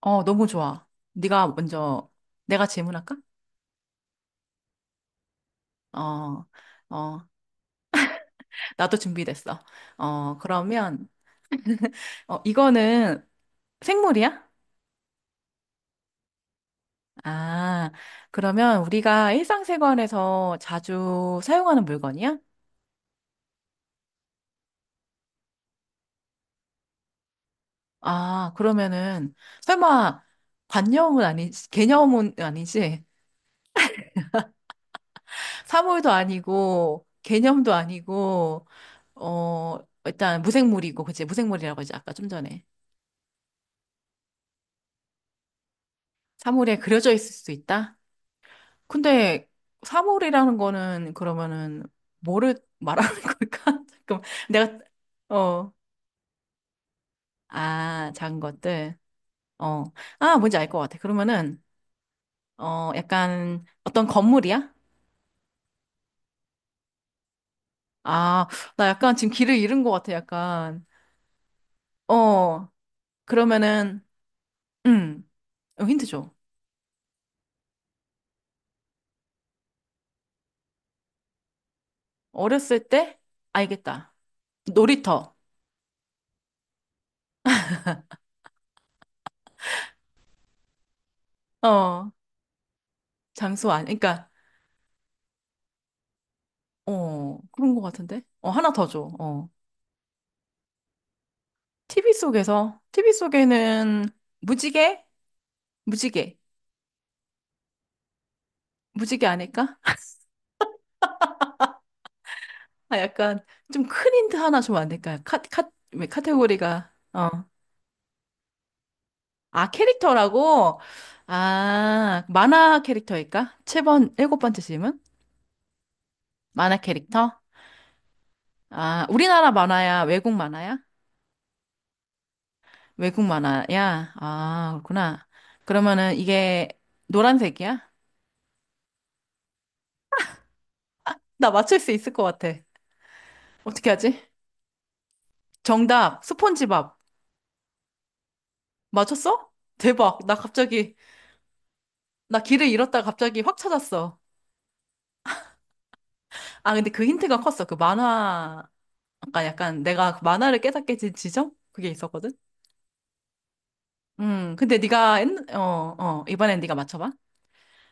너무 좋아. 네가 먼저 내가 질문할까? 어, 어, 나도 준비됐어. 어, 그러면 이거는 생물이야? 아, 그러면 우리가 일상생활에서 자주 사용하는 물건이야? 아, 그러면은 설마 관념은 아니지, 개념은 아니지, 사물도 아니고 개념도 아니고 어, 일단 무생물이고, 그치? 무생물이라고 하지 아까 좀 전에. 사물에 그려져 있을 수 있다? 근데 3월이라는 거는 그러면은 뭐를 말하는 걸까? 잠깐 내가 어, 아, 작은 것들. 어. 아, 뭔지 알 것 같아. 그러면은 약간 어떤 건물이야? 아, 나 약간 지금 길을 잃은 것 같아. 약간. 어. 그러면은 음. 어, 힌트 줘. 어렸을 때 알겠다. 놀이터. 어. 장소 아니 그러니까 그런 것 같은데. 어, 하나 더 줘. 어. TV 속에서, TV 속에는 무지개? 무지개. 무지개 아닐까? 아, 약간 좀 큰 힌트 하나 주면 안 될까요? 카, 카, 왜 카테고리가, 어. 아, 캐릭터라고? 아, 만화 캐릭터일까? 7번, 일곱 번째 질문? 만화 캐릭터? 아, 우리나라 만화야? 외국 만화야? 외국 만화야? 아, 그렇구나. 그러면은 이게 노란색이야? 나 맞출 수 있을 것 같아. 어떻게 하지? 정답, 스폰지밥. 맞췄어? 대박. 나 갑자기, 나 길을 잃었다가 갑자기 확 찾았어. 아, 근데 그 힌트가 컸어. 그 만화, 아까 약간 내가 그 만화를 깨닫게 된 지점? 그게 있었거든? 근데 네가, 이번엔 네가 맞춰봐.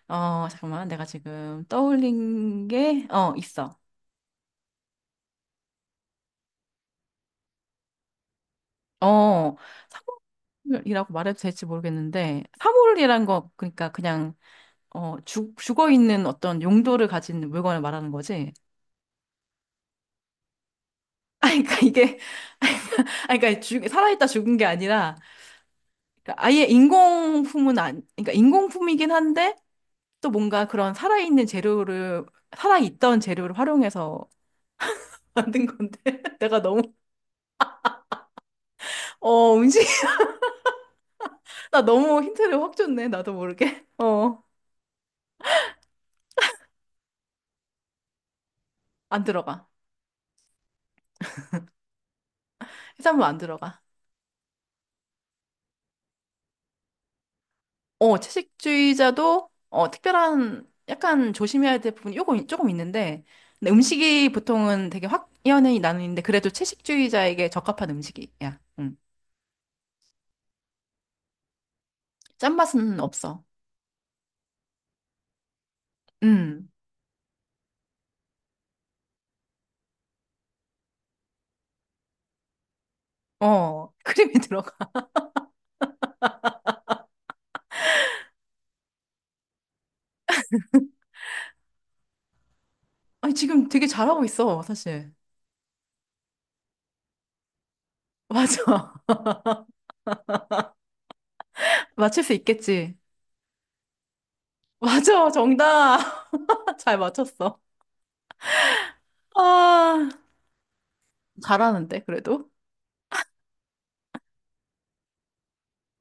어, 잠깐만. 내가 지금 떠올린 게, 어, 있어. 어, 사물이라고 말해도 될지 모르겠는데, 사물이란 거, 그러니까 그냥, 죽어 있는 어떤 용도를 가진 물건을 말하는 거지. 아, 그러니까 이게, 아, 그러니까 죽, 살아있다 죽은 게 아니라, 그러니까 아예 인공품은 안, 그러니까 인공품이긴 한데 또 뭔가 그런 살아있는 재료를, 살아있던 재료를 활용해서 만든 건데. 내가 너무, 어, 음식. 나 너무 힌트를 확 줬네. 나도 모르게. 어, 안 들어가. 해산물 안 들어가. 어, 채식주의자도, 어, 특별한, 약간 조심해야 될 부분이 요거 조금 있는데, 근데 음식이 보통은 되게 확연히 나뉘는데, 그래도 채식주의자에게 적합한 음식이야. 음. 짠맛은 없어. 음. 크림이 들어가. 아니, 지금 되게 잘하고 있어, 사실. 맞아. 맞출 수 있겠지. 맞아, 정답. 잘 맞췄어. 아, 잘하는데, 그래도?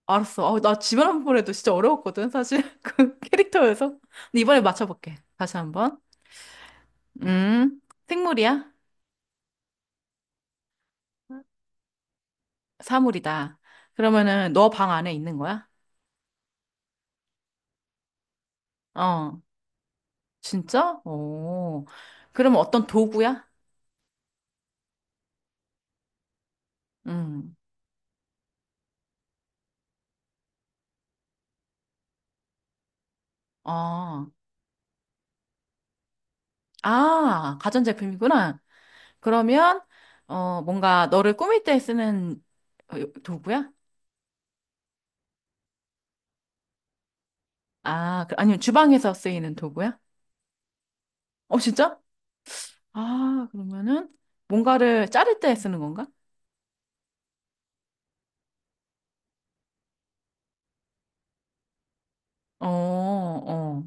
알았어. 아, 나 집에 한번 해도 진짜 어려웠거든, 사실. 그 캐릭터여서. 근데 이번에 맞춰볼게. 다시 한 번. 음, 생물이야? 사물이다. 그러면은 너 방 안에 있는 거야? 어, 진짜? 오. 그러면 어떤 도구야? 음, 어. 아, 가전제품이구나. 그러면 어 뭔가 너를 꾸밀 때 쓰는 도구야? 아, 아니면 주방에서 쓰이는 도구야? 어, 진짜? 아, 그러면은 뭔가를 자를 때 쓰는 건가? 어, 어.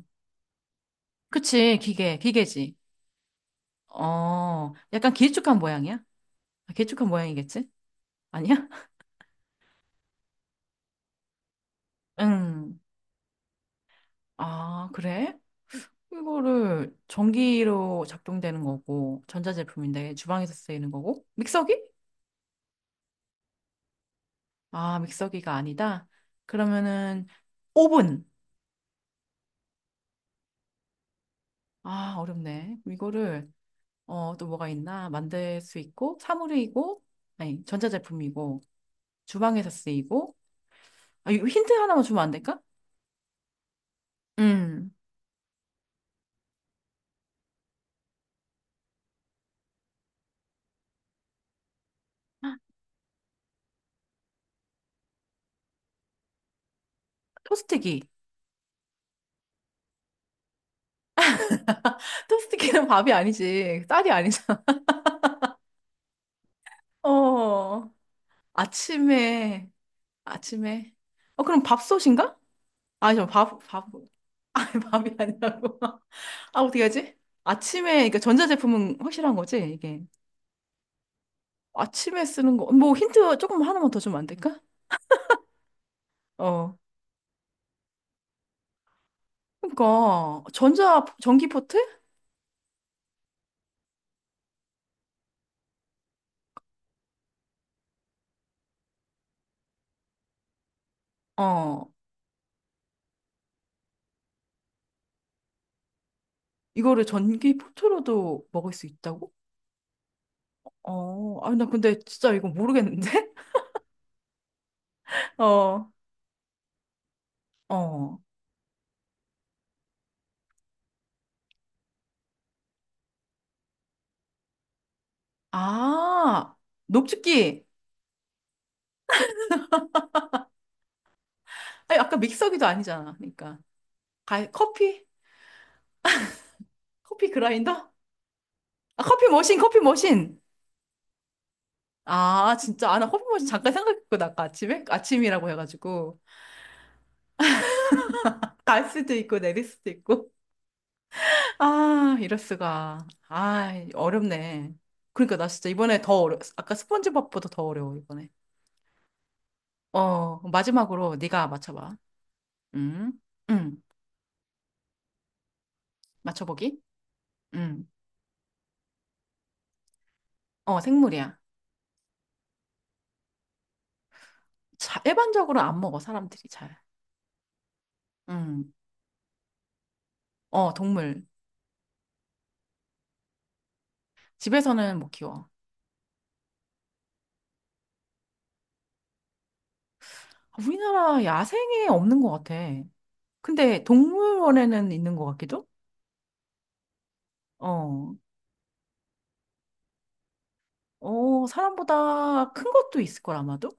그치, 기계지. 어, 약간 길쭉한 모양이야? 아, 길쭉한 모양이겠지? 아니야? 응. 아, 그래? 이거를 전기로 작동되는 거고, 전자제품인데 주방에서 쓰이는 거고, 믹서기? 아, 믹서기가 아니다? 그러면은 오븐. 아, 어렵네. 이거를 어, 또 뭐가 있나? 만들 수 있고 사물이고 아니, 전자제품이고 주방에서 쓰이고 아, 이거 힌트 하나만 주면 안 될까? 음. 토스트기. 토스트기는 밥이 아니지. 쌀이 아니잖아. 어. 아침에 아침에 어 그럼 밥솥인가? 아니죠. 밥, 아니, 밥이 아니라고. 아, 어떻게 하지? 아침에, 그러니까 전자제품은 확실한 거지, 이게. 아침에 쓰는 거, 뭐 힌트 조금 하나만 더 주면 안 될까? 어. 그러니까, 전자, 전기 포트? 어. 이거를 전기 포트로도 먹을 수 있다고? 어. 아, 나 근데 진짜 이거 모르겠는데? 어. 어. 아, 녹즙기. 아니, 아까 믹서기도 아니잖아. 그러니까. 가, 커피? 커피 그라인더? 아, 커피 머신. 아, 진짜. 아, 나 커피 머신 잠깐 생각했거든, 아까 아침에? 아침이라고 해가지고. 갈 수도 있고, 내릴 수도 있고. 아, 이럴 수가. 아, 어렵네. 그러니까 나 진짜 이번에 더 어려. 아까 스폰지밥보다 더 어려워 이번에. 어, 마지막으로 네가 맞춰봐. 음, 음, 맞춰보기. 음, 어, 생물이야. 자, 일반적으로 안 먹어 사람들이 잘. 음, 어, 동물. 집에서는 못 키워. 아, 우리나라 야생에 없는 것 같아. 근데 동물원에는 있는 것 같기도? 어, 사람보다 큰 것도 있을 걸 아마도?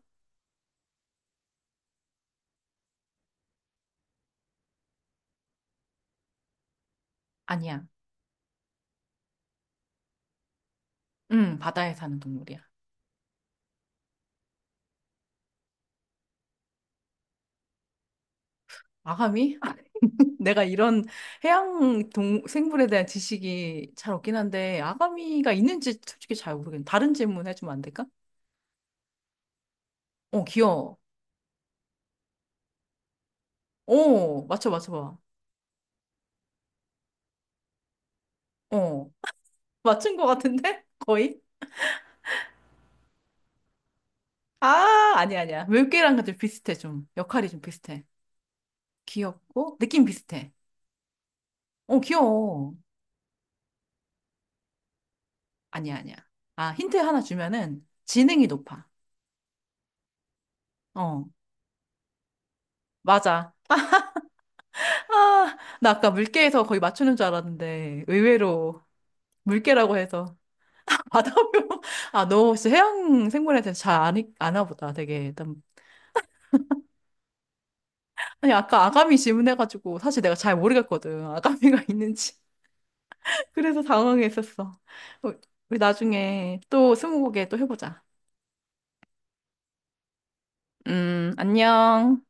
아니야. 바다에 사는 동물이야. 아가미? 내가 이런 해양 동 생물에 대한 지식이 잘 없긴 한데 아가미가 있는지 솔직히 잘 모르겠네. 다른 질문 해주면 안 될까? 어, 귀여워. 어, 맞춰봐. 어, 맞춘 것 같은데? 거의? 아, 아니야. 물개랑 좀 비슷해 좀. 역할이 좀 비슷해. 귀엽고 느낌 비슷해. 어, 귀여워. 아니야. 아, 힌트 하나 주면은 지능이 높아. 어, 맞아. 아, 나 아까 물개에서 거의 맞추는 줄 알았는데 의외로. 물개라고 해서 바다표 아너 혹시 해양 생물에 대해서 잘 아니, 아나 보다 되게 일단 아니 아까 아가미 질문해가지고 사실 내가 잘 모르겠거든 아가미가 있는지 그래서 당황했었어 어, 우리 나중에 또 스무고개 또 해보자 안녕